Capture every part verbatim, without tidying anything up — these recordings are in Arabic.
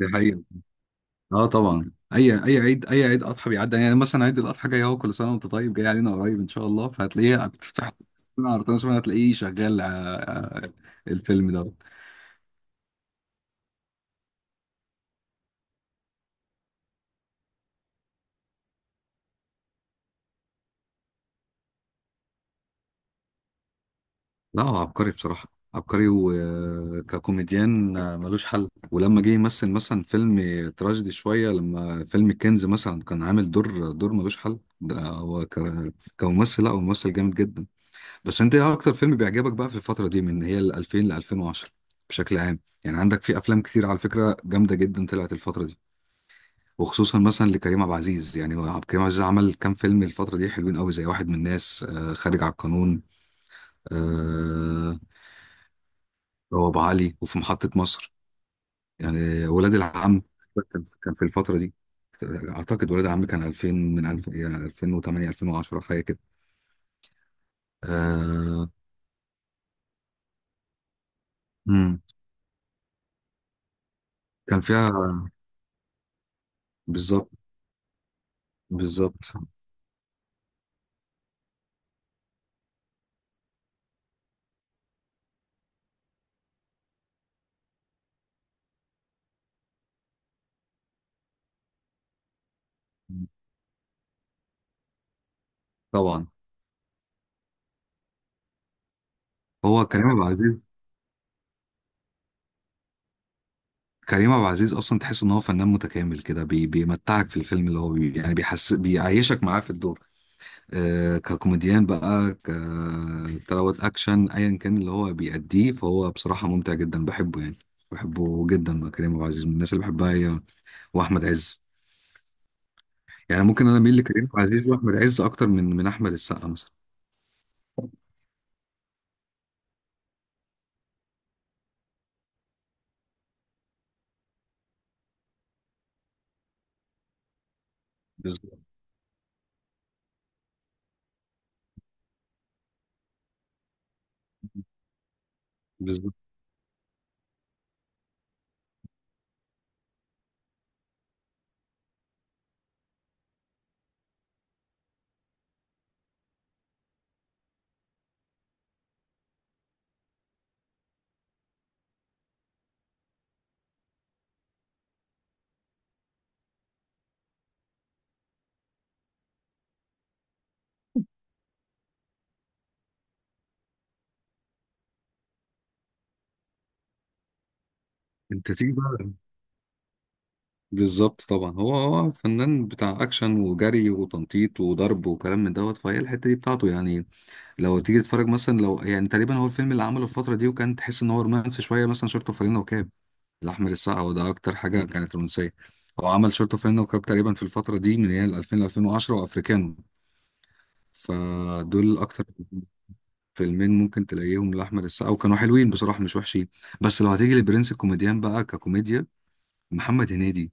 دي حقيقة. اه طبعا اي اي عيد اي عيد اضحى بيعدي، يعني مثلا عيد الاضحى جاي اهو، كل سنه وانت طيب، جاي علينا قريب ان شاء الله، فهتلاقيه بتفتح سنه عرضنا سنه، هتلاقيه شغال. آه، آه، الفيلم ده لا هو عبقري بصراحه، عبقري وككوميديان ملوش حل. ولما جه يمثل مثلا فيلم تراجيدي شويه، لما فيلم الكنز مثلا كان عامل دور دور ملوش حل. ده هو ك- كممثل لا هو ممثل جامد جدا. بس انت ايه اكتر فيلم بيعجبك بقى في الفترة دي، من هي ال ألفين ل ألفين وعشرة بشكل عام؟ يعني عندك في افلام كتير على فكرة جامدة جدا طلعت الفترة دي، وخصوصا مثلا لكريم عبد العزيز. يعني هو عبد الكريم عبد العزيز عمل كام فيلم الفترة دي حلوين قوي، زي واحد من الناس، آه خارج على القانون، آه. هو ابو علي، وفي محطة مصر، يعني ولاد العم. كان كان في الفترة دي، اعتقد ولاد العم كان ألفين، من ألفين يعني ألفين وتمانية ألفين وعشرة حاجة كده، آه. مم. كان فيها. بالظبط، بالظبط طبعا. هو كريم عبد العزيز، كريم عبد العزيز اصلا تحس ان هو فنان متكامل كده، بي... بيمتعك في الفيلم، اللي هو بي... يعني بيحس بيعيشك معاه في الدور. آه ككوميديان بقى، ك تلاوة اكشن ايا كان اللي هو بيأديه، فهو بصراحة ممتع جدا، بحبه يعني، بحبه جدا بقى. كريم عبد العزيز من الناس اللي بحبها هي، واحمد عز. يعني ممكن انا اميل لكريم عبد العزيز واحمد عز اكتر من من احمد السقا مثلا. بالظبط، بالظبط. انت تيجي بقى، بالظبط طبعا. هو هو فنان بتاع اكشن وجري وتنطيط وضرب وكلام من دوت، فهي الحته دي بتاعته يعني. لو تيجي تتفرج مثلا، لو يعني تقريبا هو الفيلم اللي عمله الفتره دي وكان تحس ان هو رومانسي شويه، مثلا شورت وفانلة وكاب لاحمد السقا، وده اكتر حاجه كانت رومانسيه. هو عمل شورت وفانلة وكاب تقريبا في الفتره دي، من يعني ألفين ل ألفين وعشرة، وافريكانو. فدول اكتر فيلمين ممكن تلاقيهم لاحمد السقا، وكانوا حلوين بصراحه، مش وحشين. بس لو هتيجي لبرنس الكوميديان بقى ككوميديا، محمد هنيدي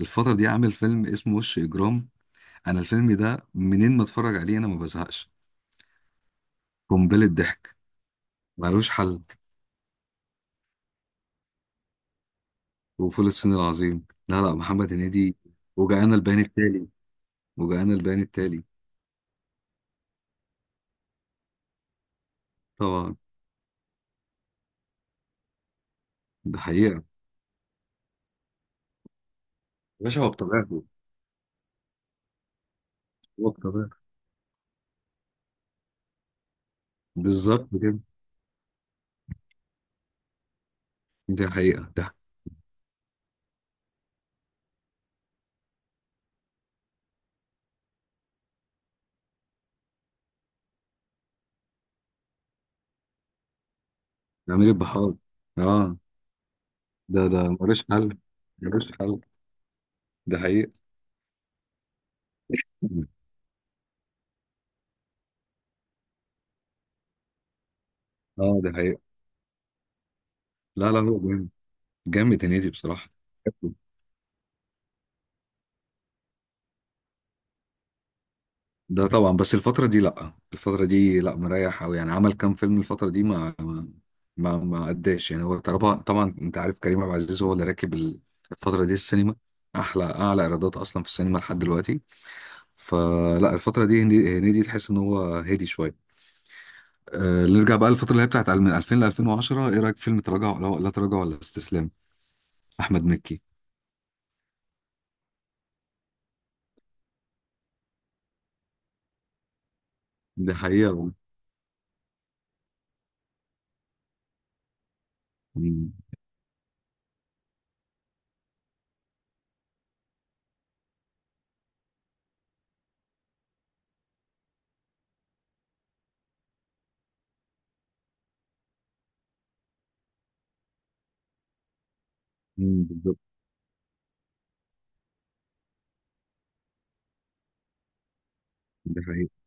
الفترة دي عامل فيلم اسمه وش إجرام. انا الفيلم ده منين ما اتفرج عليه انا ما بزهقش، قنبله ضحك ملوش حل. وفول الصين العظيم، لا لا محمد هنيدي. وجعان البيان التالي، وجعان البيان التالي طبعا. ده حقيقه يا باشا، هو بطبيعته، هو بطبيعته. بالظبط كده، دي حقيقه. ده عميل البحار، اه. ده ده ملوش حل، ملوش حل، ده حقيقه. اه ده حقيقه، لا لا هو جامد، جامد هنيدي بصراحه. ده طبعا، بس الفترة دي لأ، الفترة دي لأ مريح أوي. يعني عمل كام فيلم الفترة دي، ما ما ما ما أداش يعني. هو طبعا، طبعا أنت عارف، كريم عبد العزيز هو اللي راكب ال- الفترة دي السينما، أحلى أعلى إيرادات أصلا في السينما لحد دلوقتي. فلا الفترة دي هني- هنيدي تحس إن هو هادي شوية. أه نرجع بقى للفترة اللي هي بتاعت من ألفين ل ألفين وعشرة، إيه رأيك في فيلم تراجع، ولا لا تراجع ولا استسلام، أحمد مكي؟ دي حقيقة. مم. مم، بالظبط. دي حقيقة،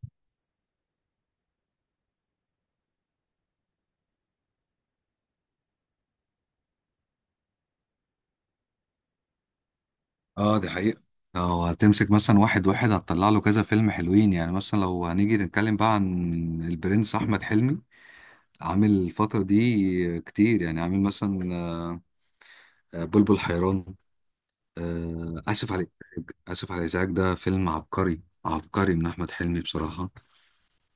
اه دي حقيقة. لو هتمسك مثلا واحد واحد هتطلع له كذا فيلم حلوين، يعني مثلا لو هنيجي نتكلم بقى عن البرنس أحمد حلمي، عامل الفترة دي كتير. يعني عامل مثلا، آه، آه، بلبل حيران، آه، آسف عليك، آسف على الإزعاج. ده فيلم عبقري، عبقري من أحمد حلمي بصراحة.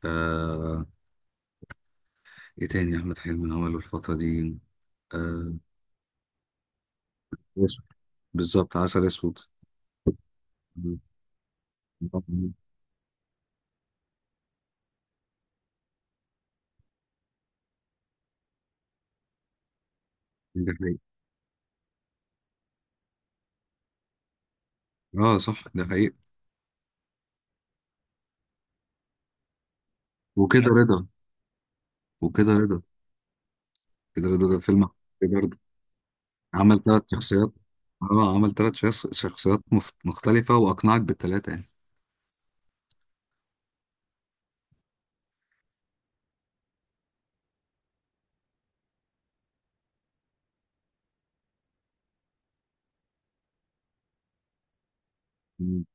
آه، إيه تاني أحمد حلمي عمله الفترة دي؟ آه، أسود، بالظبط، عسل أسود. ده حقيقة، اه صح ده حقيقة. وكده رضا، وكده رضا، كده رضا ده فيلم عبقري برضه، عمل ثلاث شخصيات. اه عمل ثلاث شخص... شخصيات مف- مختلفة وأقنعك بالثلاثة يعني. مم.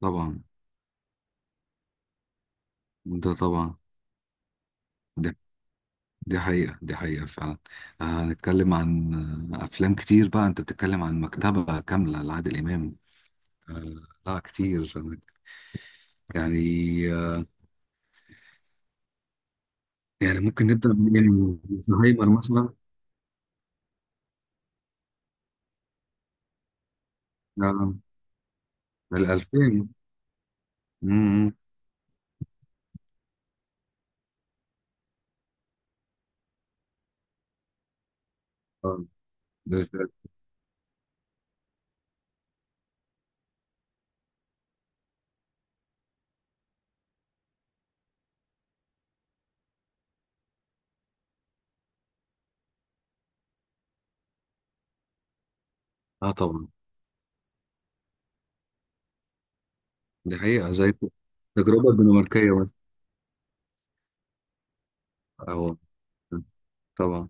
طبعا، ده طبعا. دي, دي حقيقة، دي حقيقة فعلا. آه، هنتكلم عن، آه، أفلام كتير بقى. أنت بتتكلم عن مكتبة كاملة لعادل إمام، آه، لا كتير يعني. آه، يعني ممكن نبدأ من زهايمر مثلا، آه، الألفين. مم. اه، ده- ده- آه، طبعا. دي حقيقة زي التجربة الدنماركية مثلا، اه طبعا.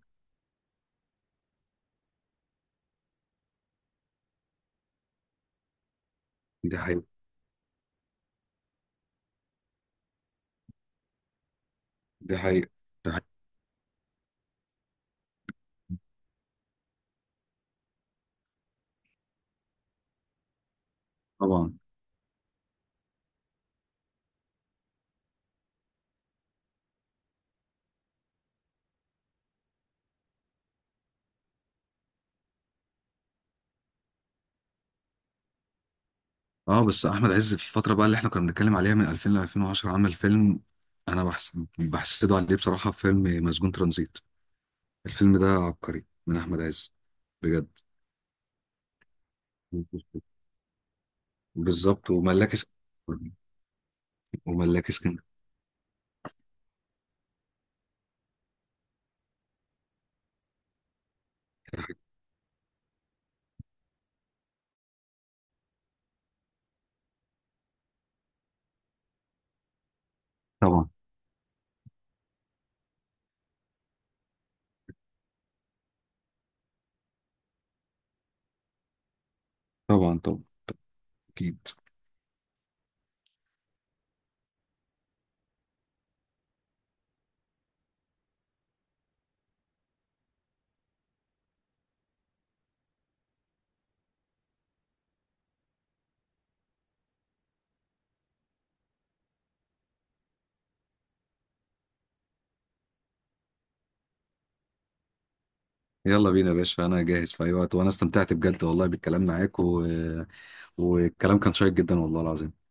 دي حقيقة، دي حقيقة، دي حقيقة طبعا. اه بس احمد عز في الفترة بقى اللي احنا كنا بنتكلم عليها من ألفين ل ألفين وعشرة عمل فيلم انا بحس بحسده عليه بصراحة، فيلم مسجون ترانزيت. الفيلم ده عبقري من احمد عز، بجد. بالظبط، وملاك اسكندرية، وملاك اسكندرية. طبعا، طبعا، طبعا اكيد. يلا بينا يا باشا، انا جاهز في اي وقت، وانا استمتعت بجد والله بالكلام معاك و... والكلام كان شيق جدا، والله العظيم.